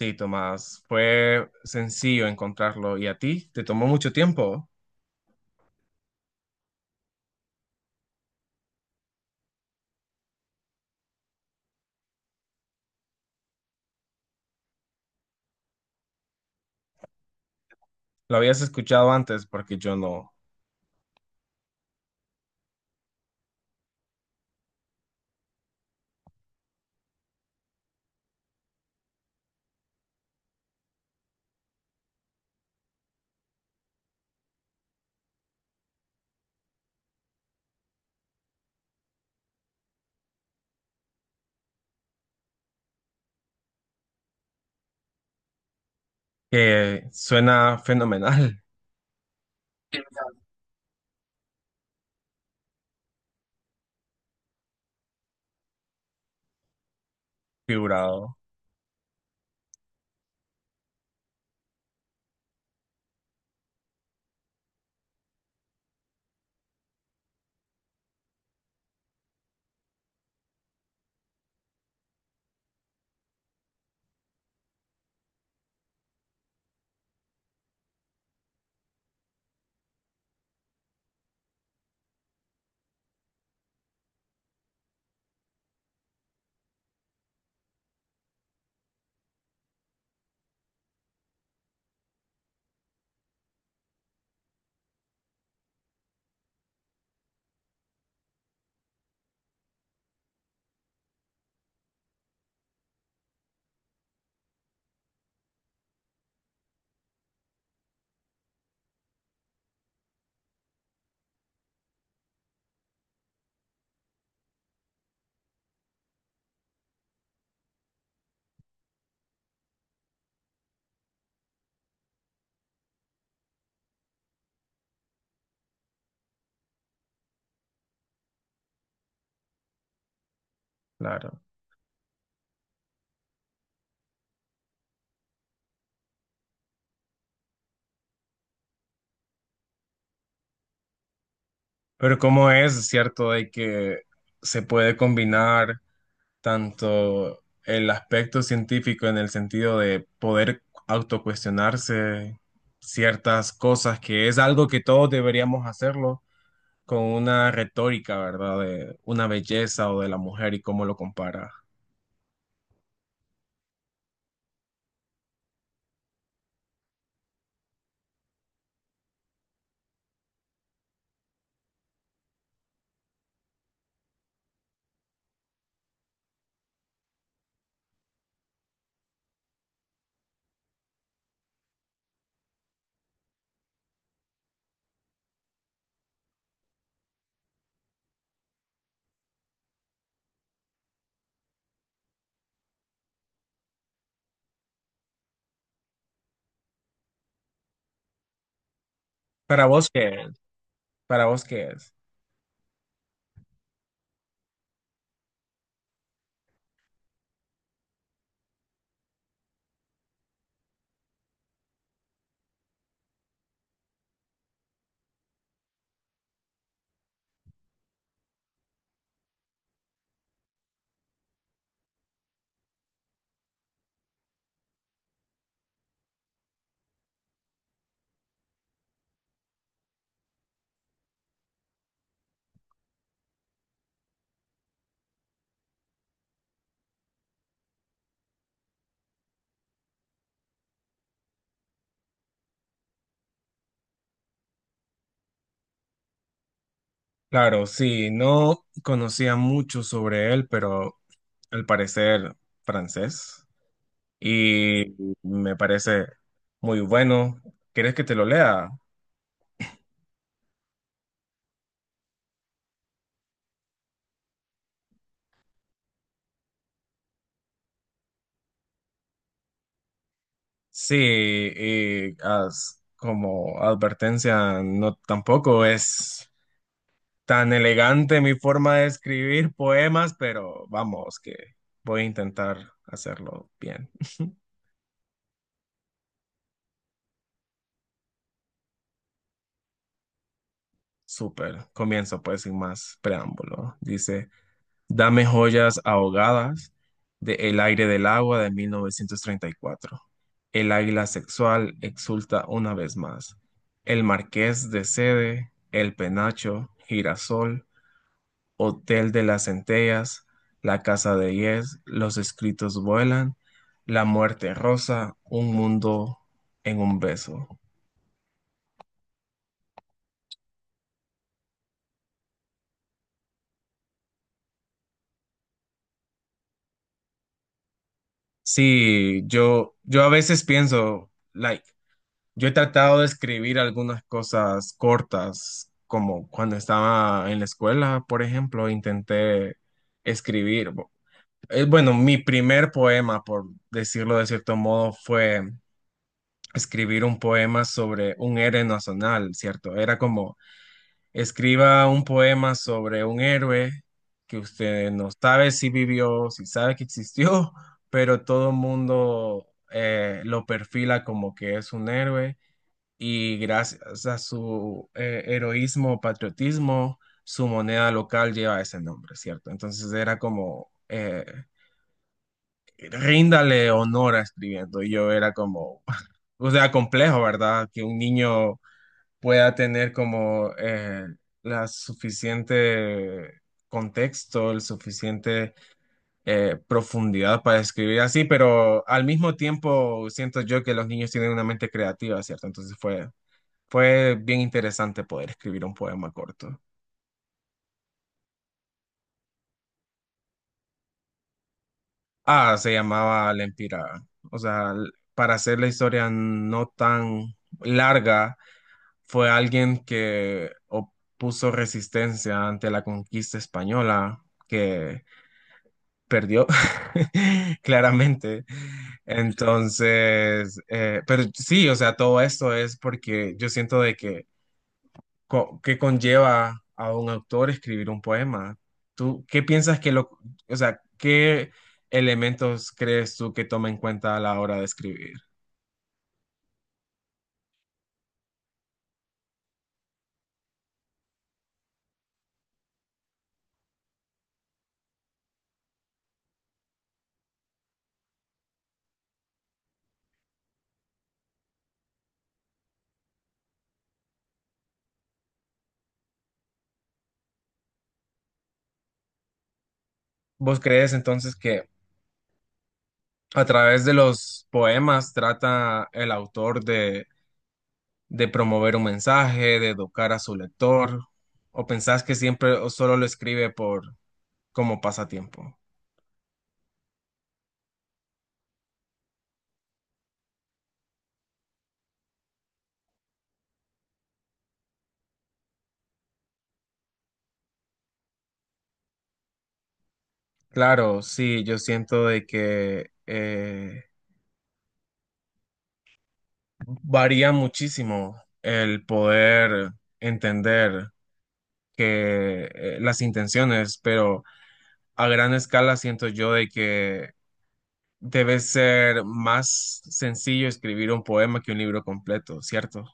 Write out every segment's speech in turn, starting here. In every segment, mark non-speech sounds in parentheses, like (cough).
Sí, Tomás, fue sencillo encontrarlo. ¿Y a ti? ¿Te tomó mucho tiempo? ¿Lo habías escuchado antes? Porque yo no. Que suena fenomenal, (laughs) figurado, claro. Pero ¿cómo es cierto de que se puede combinar tanto el aspecto científico en el sentido de poder autocuestionarse ciertas cosas, que es algo que todos deberíamos hacerlo? Con una retórica, ¿verdad? De una belleza o de la mujer y cómo lo compara. Para vos, ¿qué es? Para vos, ¿qué es? Claro, sí, no conocía mucho sobre él, pero al parecer francés y me parece muy bueno. ¿Quieres que te lo lea? Sí, y as- como advertencia, no tampoco es tan elegante mi forma de escribir poemas, pero vamos, que voy a intentar hacerlo bien. (laughs) Súper. Comienzo pues sin más preámbulo. Dice, dame joyas ahogadas de El aire del agua de 1934. El águila sexual exulta una vez más. El marqués de Sede, el penacho, girasol, Hotel de las Centellas, La Casa de Yes, Los Escritos Vuelan, La Muerte Rosa, Un Mundo en un Beso. Sí, yo a veces pienso, like, yo he tratado de escribir algunas cosas cortas, como cuando estaba en la escuela, por ejemplo, intenté escribir. Bueno, mi primer poema, por decirlo de cierto modo, fue escribir un poema sobre un héroe nacional, ¿cierto? Era como escriba un poema sobre un héroe que usted no sabe si vivió, si sabe que existió, (laughs) pero todo el mundo lo perfila como que es un héroe y gracias a su heroísmo, o patriotismo, su moneda local lleva ese nombre, ¿cierto? Entonces era como, ríndale honor a escribiendo. Y yo era como, (laughs) o sea, complejo, ¿verdad? Que un niño pueda tener como la suficiente contexto, el suficiente profundidad para escribir así, pero al mismo tiempo siento yo que los niños tienen una mente creativa, ¿cierto? Fue bien interesante poder escribir un poema corto. Ah, se llamaba La Empírada. O sea, para hacer la historia no tan larga, fue alguien que opuso resistencia ante la conquista española, que perdió, (laughs) claramente. Entonces, pero sí, o sea, todo esto es porque yo siento de que, que conlleva a un autor escribir un poema. ¿Tú qué piensas que o sea, qué elementos crees tú que toma en cuenta a la hora de escribir? ¿Vos crees entonces que a través de los poemas trata el autor de promover un mensaje, de educar a su lector, o pensás que siempre o solo lo escribe por como pasatiempo? Claro, sí, yo siento de que varía muchísimo el poder entender que las intenciones, pero a gran escala siento yo de que debe ser más sencillo escribir un poema que un libro completo, ¿cierto?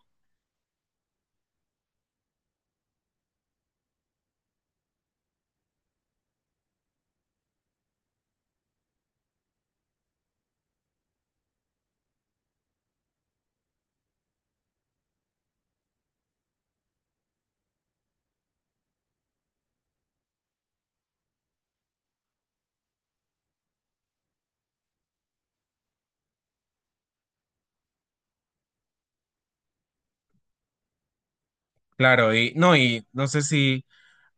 Claro, y no sé si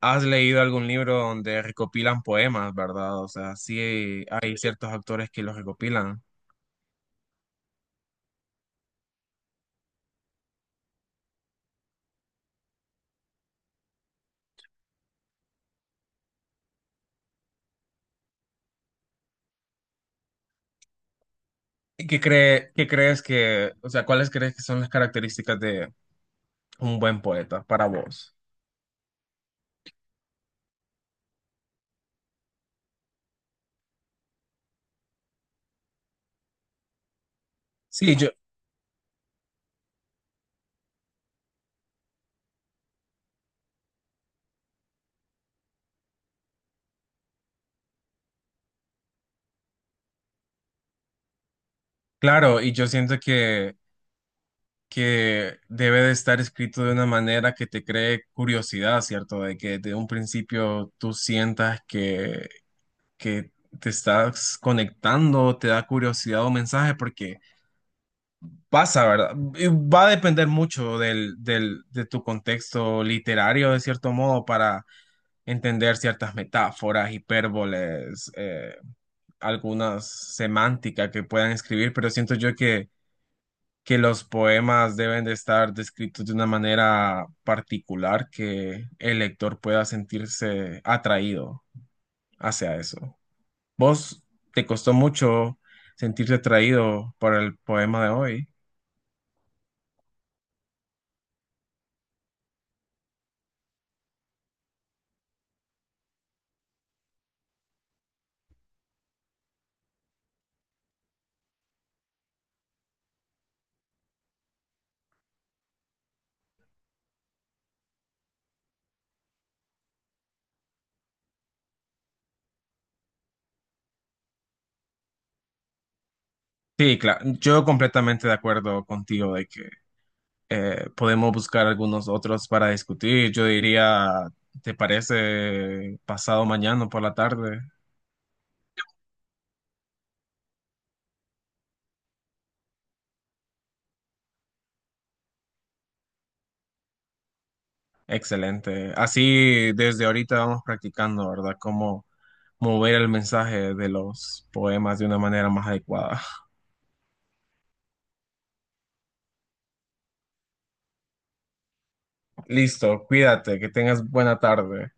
¿has leído algún libro donde recopilan poemas, verdad? O sea, sí hay ciertos autores que los recopilan. ¿Y ¿qué cree, qué crees que, o sea, cuáles crees que son las características de un buen poeta para vos? Sí, yo, claro, y yo siento que debe de estar escrito de una manera que te cree curiosidad, ¿cierto? De que de un principio tú sientas que te estás conectando, te da curiosidad o mensaje, porque pasa, ¿verdad? Y va a depender mucho de tu contexto literario, de cierto modo, para entender ciertas metáforas, hipérboles, algunas semánticas que puedan escribir, pero siento yo que los poemas deben de estar descritos de una manera particular que el lector pueda sentirse atraído hacia eso. ¿Vos te costó mucho sentirte atraído por el poema de hoy? Sí, claro, yo completamente de acuerdo contigo de que podemos buscar algunos otros para discutir. Yo diría, ¿te parece pasado mañana por la tarde? Excelente. Así desde ahorita vamos practicando, ¿verdad? Cómo mover el mensaje de los poemas de una manera más adecuada. (laughs) Listo, cuídate, que tengas buena tarde.